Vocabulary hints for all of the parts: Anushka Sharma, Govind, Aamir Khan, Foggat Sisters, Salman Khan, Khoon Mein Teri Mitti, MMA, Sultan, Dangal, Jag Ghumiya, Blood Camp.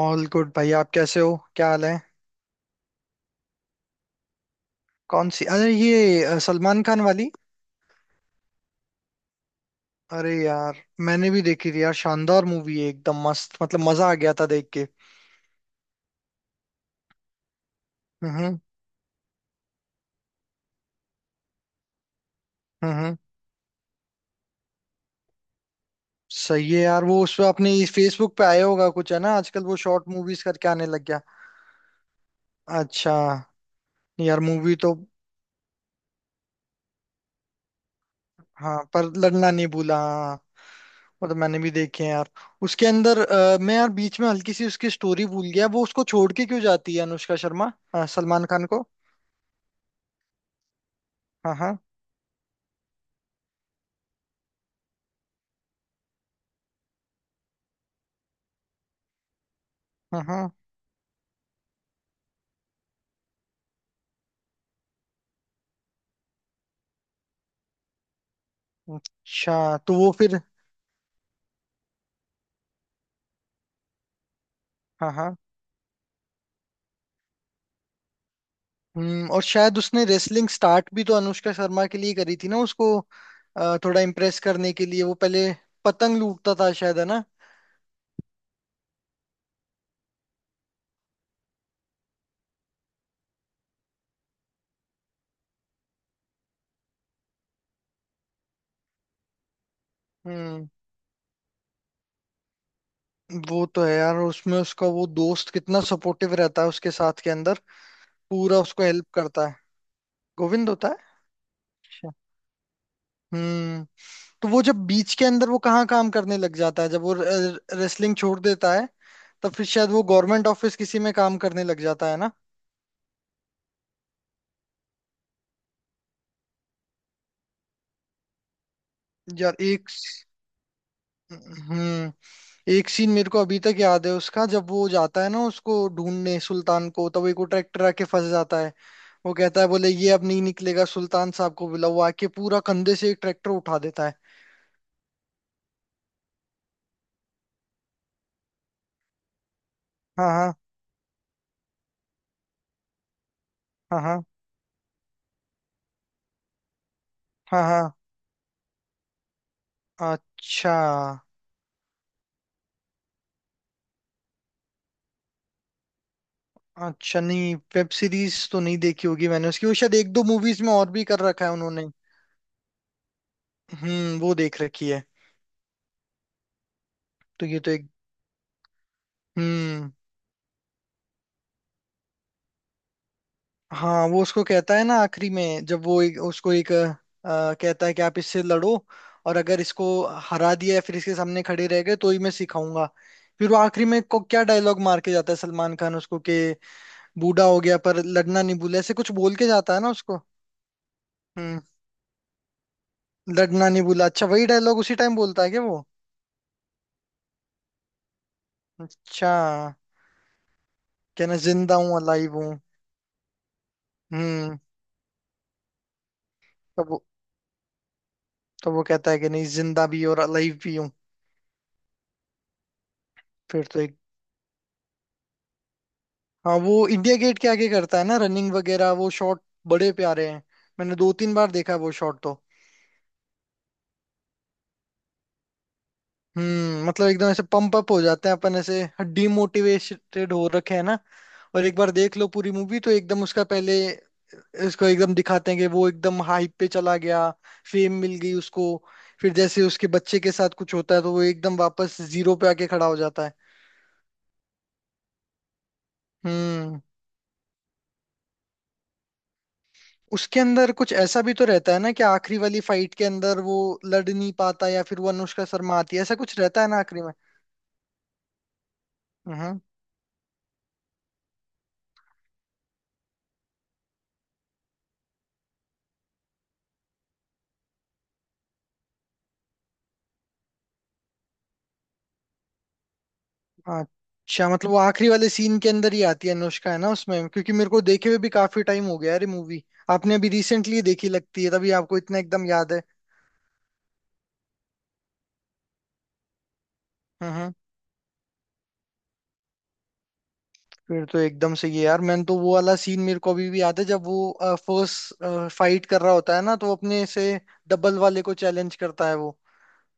All good भाई। आप कैसे हो, क्या हाल है? कौन सी? अरे ये सलमान खान वाली। अरे यार, मैंने भी देखी थी यार। शानदार मूवी है, एकदम मस्त, मतलब मजा आ गया था देख के। हम्म। हम्म। सही है यार। वो उस पे आपने फेसबुक पे, आया होगा कुछ, है ना, आजकल वो शॉर्ट मूवीज करके आने लग गया। अच्छा। यार मूवी तो। हाँ, पर लड़ना नहीं भूला, हाँ। वो तो मैंने भी देखे हैं यार। उसके अंदर मैं यार बीच में हल्की सी उसकी स्टोरी भूल गया। वो उसको छोड़ के क्यों जाती है अनुष्का शर्मा, सलमान खान को? हाँ, हाँ। हाँ, हाँ। अच्छा, तो वो फिर। हाँ, हाँ। हम्म। और शायद उसने रेसलिंग स्टार्ट भी तो अनुष्का शर्मा के लिए करी थी ना उसको। थोड़ा इम्प्रेस करने के लिए वो पहले पतंग लूटता था शायद, है ना? हम्म। वो तो है यार, उसमें उसका वो दोस्त कितना सपोर्टिव रहता है उसके साथ के अंदर। पूरा उसको हेल्प करता है। गोविंद होता है। अच्छा। हम्म। तो वो जब बीच के अंदर वो कहाँ काम करने लग जाता है जब वो रेसलिंग छोड़ देता है? तब फिर शायद वो गवर्नमेंट ऑफिस किसी में काम करने लग जाता है ना। यार एक। हम्म। एक सीन मेरे को अभी तक याद है उसका, जब वो जाता है ना उसको ढूंढने सुल्तान को, तब एक वो ट्रैक्टर आके फंस जाता है। वो कहता है, बोले ये अब नहीं निकलेगा, सुल्तान साहब को बुलाओ। वो आके पूरा कंधे से एक ट्रैक्टर उठा देता है। हाँ, हाँ, हाँ, हाँ, हाँ, हाँ। अच्छा। अच्छा, नहीं, वेब सीरीज तो नहीं देखी होगी मैंने उसकी। वो शायद एक दो मूवीज में और भी कर रखा है उन्होंने। हम्म। वो देख रखी है। तो ये तो एक। हम्म। हाँ, वो उसको कहता है ना आखिरी में जब वो उसको एक कहता है कि आप इससे लड़ो, और अगर इसको हरा दिया या फिर इसके सामने खड़े रह गए तो ही मैं सिखाऊंगा। फिर वो आखिरी में को क्या डायलॉग मार के जाता है सलमान खान उसको, कि बूढ़ा हो गया पर लड़ना नहीं भूला, ऐसे कुछ बोल के जाता है ना उसको। हम्म। लड़ना नहीं भूला। अच्छा, वही डायलॉग उसी टाइम बोलता है क्या वो? अच्छा। कहना जिंदा हूँ, अलाइव हूँ। हम्म। तब वो तब वो कहता है कि नहीं, जिंदा भी और अलाइव भी हूँ। फिर तो एक। हाँ, वो इंडिया गेट के आगे करता है ना रनिंग वगैरह वो शॉट। बड़े प्यारे हैं। मैंने दो तीन बार देखा है वो शॉट तो। हम्म, मतलब एकदम ऐसे पंप अप हो जाते हैं अपन ऐसे। डिमोटिवेटेड हो रखे हैं ना, और एक बार देख लो पूरी मूवी तो एकदम उसका पहले, इसको एकदम दिखाते हैं कि वो एकदम हाइप पे चला गया, फेम मिल गई उसको। फिर जैसे उसके बच्चे के साथ कुछ होता है तो वो एकदम वापस जीरो पे आके खड़ा हो जाता है। हम्म। उसके अंदर कुछ ऐसा भी तो रहता है ना, कि आखिरी वाली फाइट के अंदर वो लड़ नहीं पाता, या फिर वो अनुष्का शर्मा आती है, ऐसा कुछ रहता है ना आखिरी में। हम्म। अच्छा, मतलब वो आखिरी वाले सीन के अंदर ही आती है अनुष्का, है ना उसमें? क्योंकि मेरे को देखे हुए भी काफी टाइम हो गया अरे मूवी। आपने अभी रिसेंटली देखी लगती है, तभी आपको इतना एकदम याद है। हम्म। फिर तो एकदम सही है यार। मैंने तो वो वाला सीन मेरे को अभी भी याद है जब वो फर्स्ट फाइट कर रहा होता है ना, तो वो अपने से डबल वाले को चैलेंज करता है वो।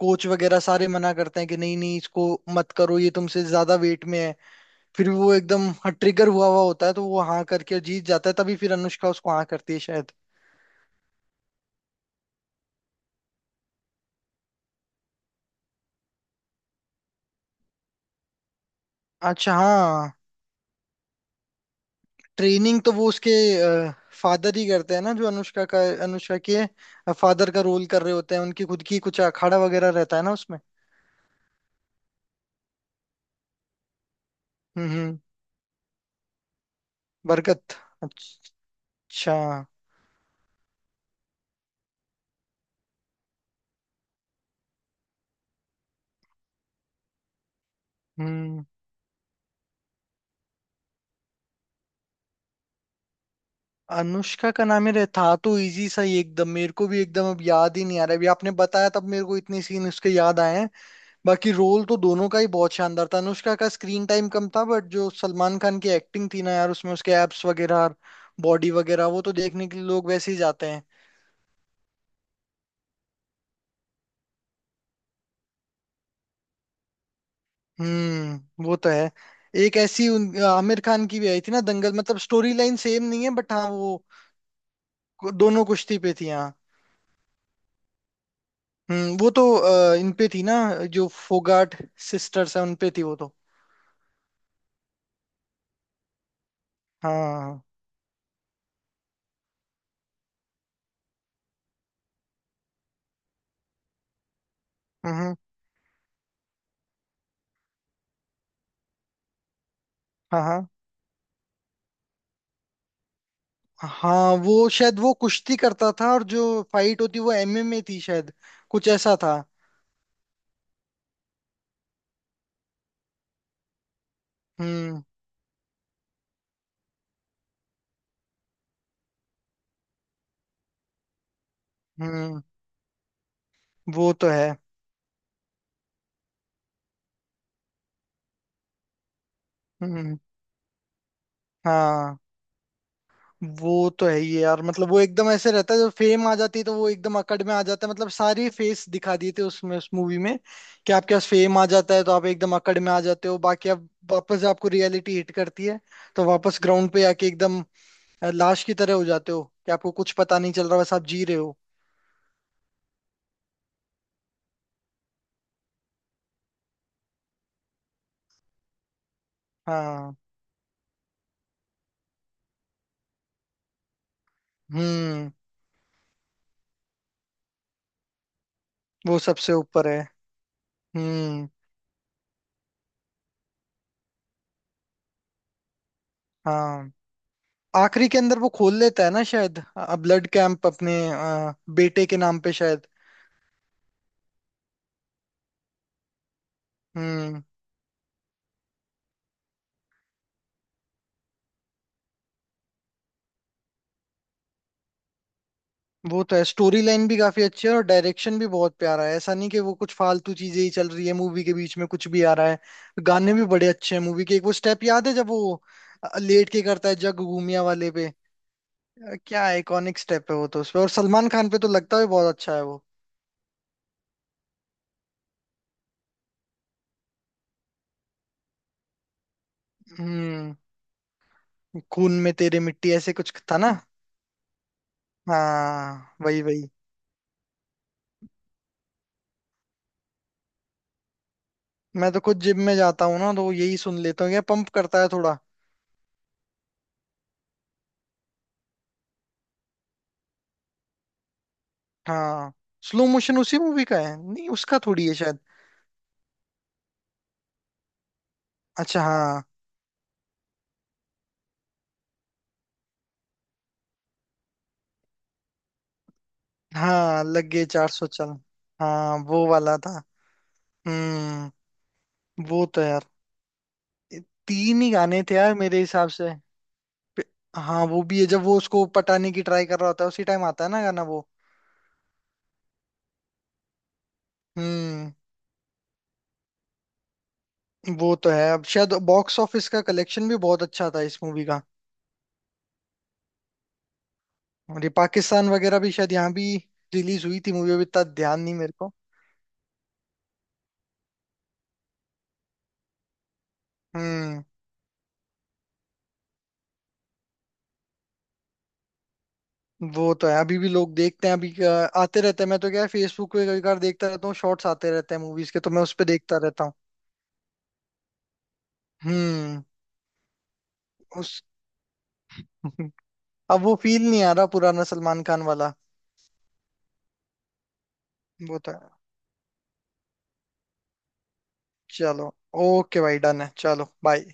कोच वगैरह सारे मना करते हैं कि नहीं, नहीं, इसको मत करो, ये तुमसे ज्यादा वेट में है। फिर भी वो एकदम ट्रिगर हुआ हुआ होता है तो वो हाँ करके जीत जाता है, तभी फिर अनुष्का उसको हाँ करती है शायद। अच्छा, हाँ। ट्रेनिंग तो वो उसके फादर ही करते हैं ना, जो अनुष्का के फादर का रोल कर रहे होते हैं। उनकी खुद की कुछ अखाड़ा वगैरह रहता है ना उसमें। हम्म। हम्म। बरकत। अच्छा। हम्म। अनुष्का का नाम ही रहे था तो इजी सा ही एकदम, मेरे को भी एकदम अब याद ही नहीं आ रहा। अभी आपने बताया तब मेरे को इतने सीन उसके याद आए हैं। बाकी रोल तो दोनों का ही बहुत शानदार था। अनुष्का का स्क्रीन टाइम कम था, बट जो सलमान खान की एक्टिंग थी ना यार, उसमें उसके एब्स वगैरह, बॉडी वगैरह, वो तो देखने के लिए लोग वैसे ही जाते हैं। हम्म। वो तो है। एक ऐसी आमिर खान की भी आई थी ना दंगल, मतलब स्टोरी लाइन सेम नहीं है, बट हाँ वो दोनों कुश्ती पे थी, हाँ। हम्म, वो तो इन पे थी ना, जो फोगाट सिस्टर्स है उन पे थी वो तो। हाँ। हम्म। हाँ, हाँ, हाँ। वो शायद वो कुश्ती करता था, और जो फाइट होती वो एमएमए थी शायद, कुछ ऐसा था। हम्म। हम्म। वो तो है। हम्म। हाँ, वो तो है ही यार, मतलब वो एकदम ऐसे रहता है, जब फेम आ जाती है तो वो एकदम अकड़ में आ जाता है, मतलब सारी फेस दिखा दिए थे उसमें उस मूवी में, कि आपके पास फेम आ जाता है तो आप एकदम अकड़ में आ जाते हो, बाकी अब वापस आपको रियलिटी हिट करती है। तो वापस ग्राउंड पे आके एकदम लाश की तरह हो जाते हो, कि आपको कुछ पता नहीं चल रहा, बस आप जी रहे हो। हाँ। हम्म। वो सबसे ऊपर है। हम्म। हाँ, आखिरी के अंदर वो खोल लेता है ना शायद, ब्लड कैंप अपने बेटे के नाम पे शायद। हम्म। वो तो है, स्टोरी लाइन भी काफी अच्छी है और डायरेक्शन भी बहुत प्यारा है। ऐसा नहीं कि वो कुछ फालतू चीजें ही चल रही है मूवी के बीच में, कुछ भी आ रहा है। गाने भी बड़े अच्छे हैं मूवी के। एक वो स्टेप याद है जब वो लेट के करता है जग घूमिया वाले पे। क्या आइकॉनिक स्टेप है वो तो, उसपे और सलमान खान पे तो लगता है बहुत अच्छा है वो। हम्म। खून में तेरे मिट्टी, ऐसे कुछ था ना। हाँ, वही वही। मैं तो खुद जिम में जाता हूँ ना, तो यही सुन लेता हूँ, ये पंप करता है थोड़ा। हाँ। स्लो मोशन उसी मूवी का है? नहीं, उसका थोड़ी है शायद। अच्छा, हाँ। हाँ, लग गए चार सौ चल। हाँ, वो वाला था। हम्म, वो तो यार, तीन ही गाने थे यार मेरे हिसाब से। पे- हाँ, वो भी है, जब वो उसको पटाने की ट्राई कर रहा होता है उसी टाइम आता है ना गाना वो। हम्म। वो तो है, अब शायद बॉक्स ऑफिस का कलेक्शन भी बहुत अच्छा था इस मूवी का। और ये पाकिस्तान वगैरह भी शायद, यहाँ भी रिलीज हुई थी मूवी, अभी इतना ध्यान नहीं मेरे को। हम्म। वो तो है, अभी भी लोग देखते हैं अभी आते रहते हैं। मैं तो, क्या है, फेसबुक पे कभी कभार देखता रहता हूँ, शॉर्ट्स आते रहते हैं मूवीज के, तो मैं उस पे देखता रहता हूँ। हम्म। उस अब वो फील नहीं आ रहा पुराना सलमान खान वाला। वो तो है। चलो। ओके भाई, डन है, चलो बाय।